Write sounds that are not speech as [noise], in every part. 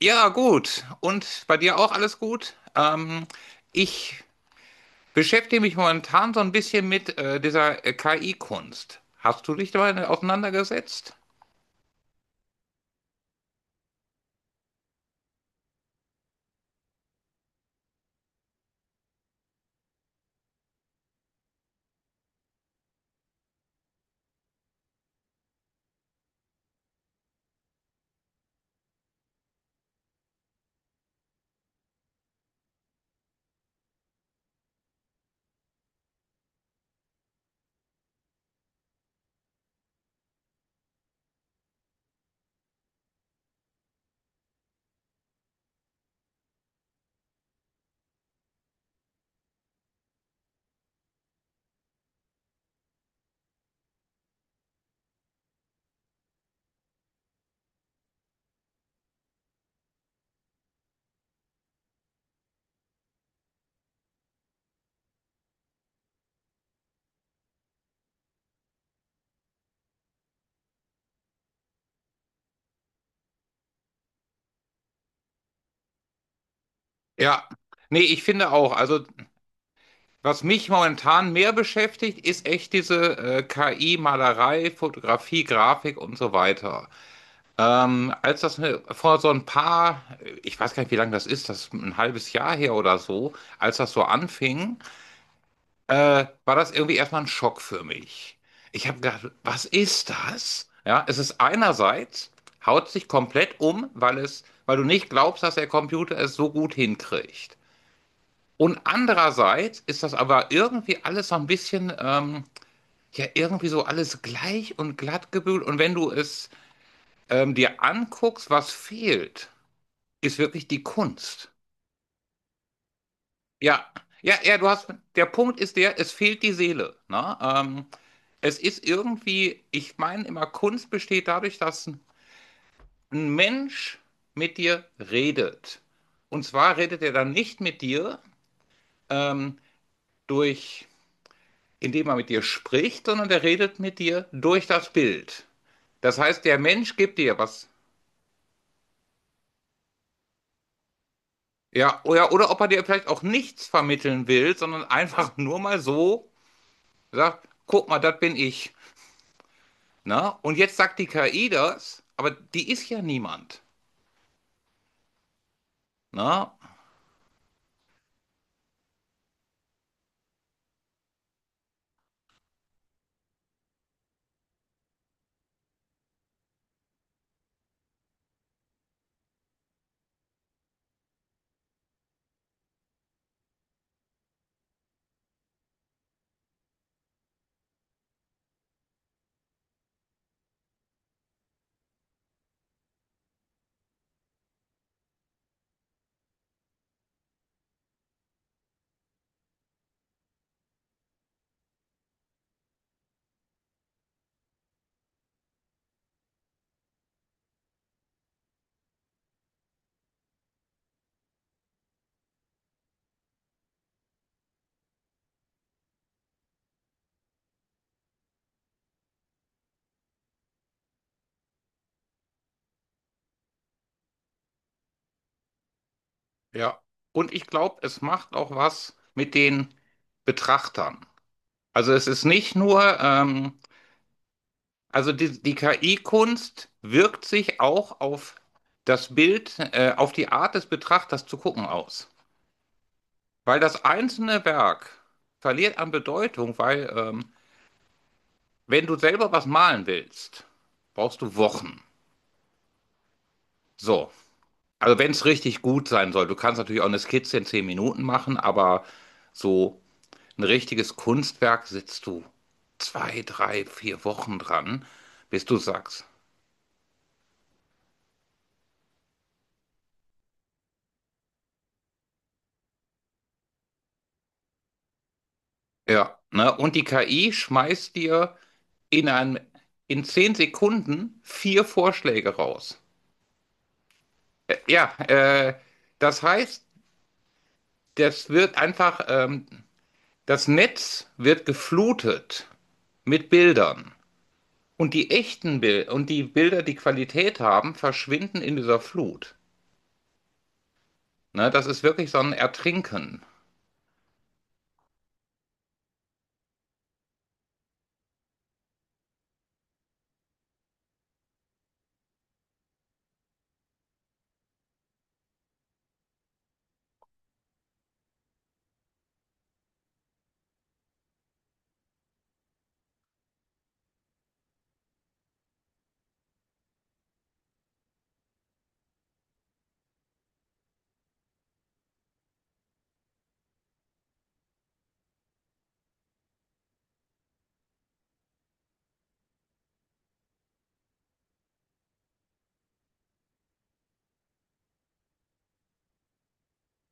Ja, gut. Und bei dir auch alles gut? Ich beschäftige mich momentan so ein bisschen mit dieser KI-Kunst. Hast du dich damit auseinandergesetzt? Ja. Nee, ich finde auch. Also, was mich momentan mehr beschäftigt, ist echt diese KI-Malerei, Fotografie, Grafik und so weiter. Als das vor so ein paar, ich weiß gar nicht, wie lange das ist ein halbes Jahr her oder so, als das so anfing, war das irgendwie erstmal ein Schock für mich. Ich habe gedacht, was ist das? Ja, es ist einerseits, haut sich komplett um, weil es, weil du nicht glaubst, dass der Computer es so gut hinkriegt. Und andererseits ist das aber irgendwie alles so ein bisschen, ja, irgendwie so alles gleich und glatt gebügelt. Und wenn du es dir anguckst, was fehlt, ist wirklich die Kunst. Ja, ja, ja, du hast, der Punkt ist der, es fehlt die Seele. Ne? Es ist irgendwie, ich meine immer, Kunst besteht dadurch, dass ein Mensch mit dir redet. Und zwar redet er dann nicht mit dir ähm, durch, indem er mit dir spricht, sondern er redet mit dir durch das Bild. Das heißt, der Mensch gibt dir was. Ja, oder ob er dir vielleicht auch nichts vermitteln will, sondern einfach [laughs] nur mal so sagt, guck mal, das bin ich. Na? Und jetzt sagt die KI das, aber die ist ja niemand. Na? Ja, und ich glaube, es macht auch was mit den Betrachtern. Also es ist nicht nur, also die KI-Kunst wirkt sich auch auf das Bild, auf die Art des Betrachters zu gucken aus. Weil das einzelne Werk verliert an Bedeutung, weil wenn du selber was malen willst, brauchst du Wochen. So, also wenn es richtig gut sein soll, du kannst natürlich auch eine Skizze in 10 Minuten machen, aber so ein richtiges Kunstwerk sitzt du 2, 3, 4 Wochen dran, bis du sagst. Ja, ne? Und die KI schmeißt dir in einem, in 10 Sekunden vier Vorschläge raus. Ja, das heißt, das wird einfach, das Netz wird geflutet mit Bildern. Und die echten Bilder und die Bilder, die Qualität haben, verschwinden in dieser Flut. Ne, das ist wirklich so ein Ertrinken.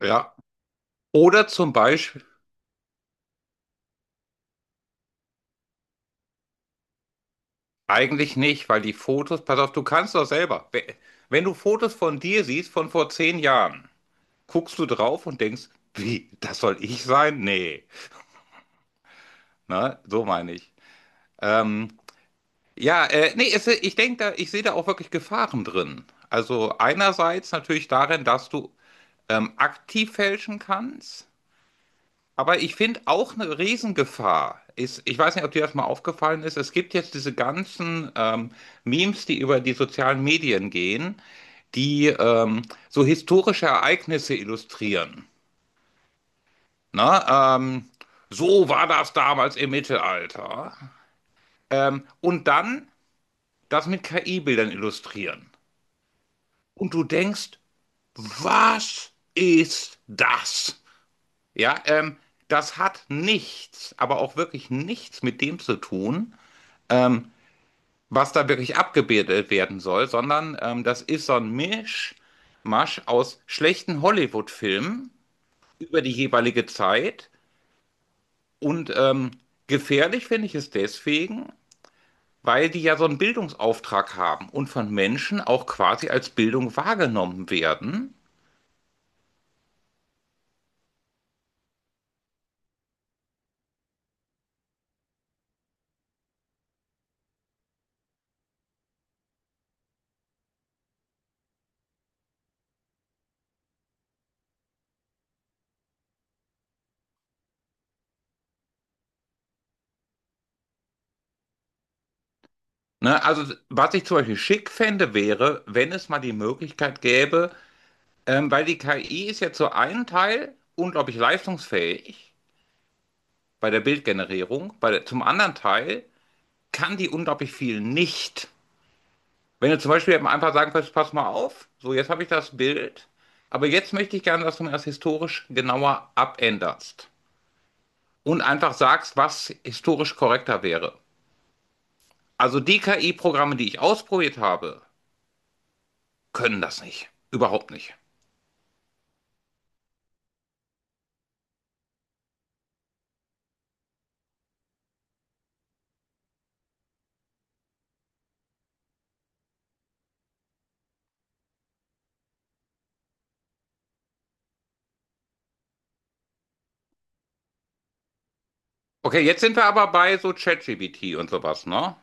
Ja, oder zum Beispiel, eigentlich nicht, weil die Fotos, pass auf, du kannst doch selber. Wenn du Fotos von dir siehst von vor 10 Jahren, guckst du drauf und denkst, wie, das soll ich sein? Nee, ne, so meine ich. Ähm, ja, nee, es, ich denke da, ich sehe da auch wirklich Gefahren drin. Also einerseits natürlich darin, dass du aktiv fälschen kannst. Aber ich finde auch eine Riesengefahr ist, ich weiß nicht, ob dir das mal aufgefallen ist, es gibt jetzt diese ganzen Memes, die über die sozialen Medien gehen, die so historische Ereignisse illustrieren. Ne? So war das damals im Mittelalter. Und dann das mit KI-Bildern illustrieren. Und du denkst, was ist das? Ja, das hat nichts, aber auch wirklich nichts mit dem zu tun, ähm, was da wirklich abgebildet werden soll, sondern das ist so ein Mischmasch aus schlechten Hollywood-Filmen über die jeweilige Zeit. Und gefährlich finde ich es deswegen, weil die ja so einen Bildungsauftrag haben und von Menschen auch quasi als Bildung wahrgenommen werden. Ne, also was ich zum Beispiel schick fände, wäre, wenn es mal die Möglichkeit gäbe, weil die KI ist ja zu einem Teil unglaublich leistungsfähig bei der Bildgenerierung, bei der, zum anderen Teil kann die unglaublich viel nicht. Wenn du zum Beispiel einfach sagen kannst, pass mal auf, so jetzt habe ich das Bild, aber jetzt möchte ich gerne, dass du mir das historisch genauer abänderst und einfach sagst, was historisch korrekter wäre. Also die KI-Programme, die ich ausprobiert habe, können das nicht. Überhaupt nicht. Okay, jetzt sind wir aber bei so ChatGPT und sowas, ne?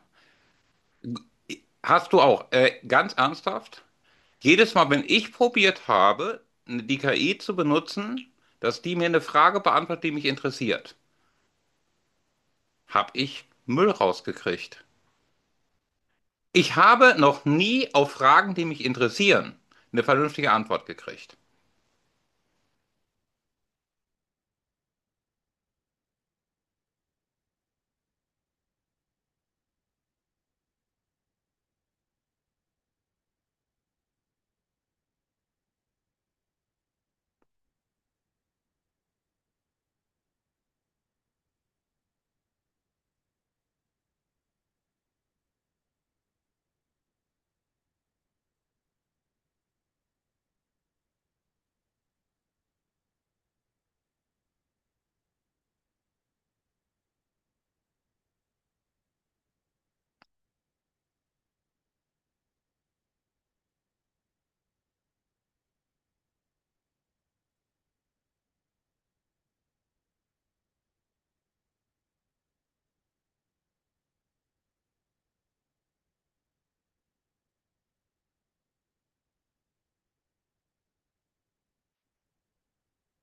Hast du auch, ganz ernsthaft, jedes Mal, wenn ich probiert habe, die KI zu benutzen, dass die mir eine Frage beantwortet, die mich interessiert, habe ich Müll rausgekriegt. Ich habe noch nie auf Fragen, die mich interessieren, eine vernünftige Antwort gekriegt.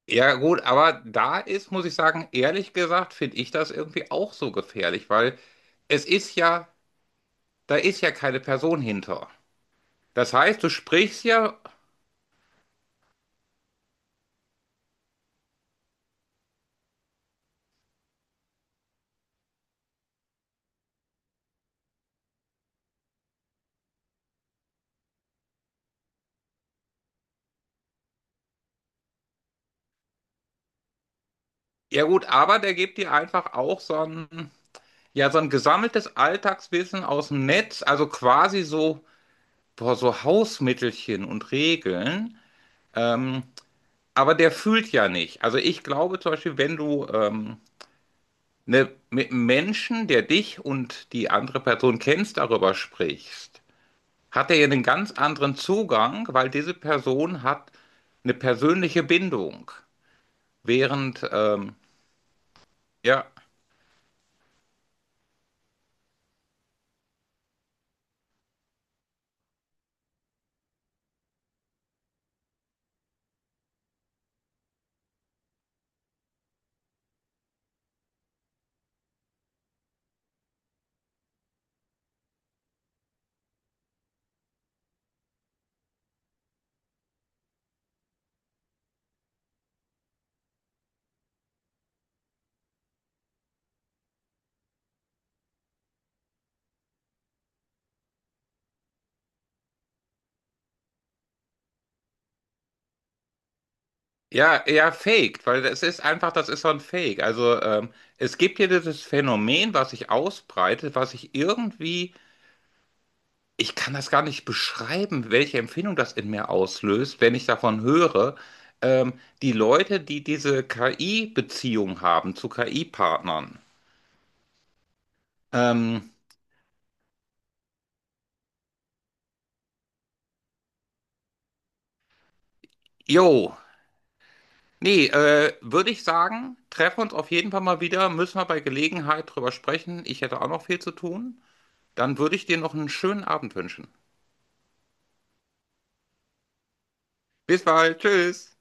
Ja gut, aber da ist, muss ich sagen, ehrlich gesagt, finde ich das irgendwie auch so gefährlich, weil es ist ja, da ist ja keine Person hinter. Das heißt, du sprichst ja, ja gut, aber der gibt dir einfach auch so ein, ja, so ein gesammeltes Alltagswissen aus dem Netz, also quasi so, boah, so Hausmittelchen und Regeln. ähm, Aber der fühlt ja nicht. Also ich glaube zum Beispiel, wenn du ne, mit einem Menschen, der dich und die andere Person kennst, darüber sprichst, hat er ja einen ganz anderen Zugang, weil diese Person hat eine persönliche Bindung. Während, ja, ja, ja, faked, weil es ist einfach, das ist so ein Fake. Also es gibt hier dieses Phänomen, was sich ausbreitet, was sich irgendwie ich kann das gar nicht beschreiben, welche Empfindung das in mir auslöst, wenn ich davon höre, die Leute, die diese KI-Beziehung haben zu KI-Partnern. Ähm, jo, nee, würde ich sagen, treffen wir uns auf jeden Fall mal wieder, müssen wir bei Gelegenheit drüber sprechen. Ich hätte auch noch viel zu tun. Dann würde ich dir noch einen schönen Abend wünschen. Bis bald, tschüss.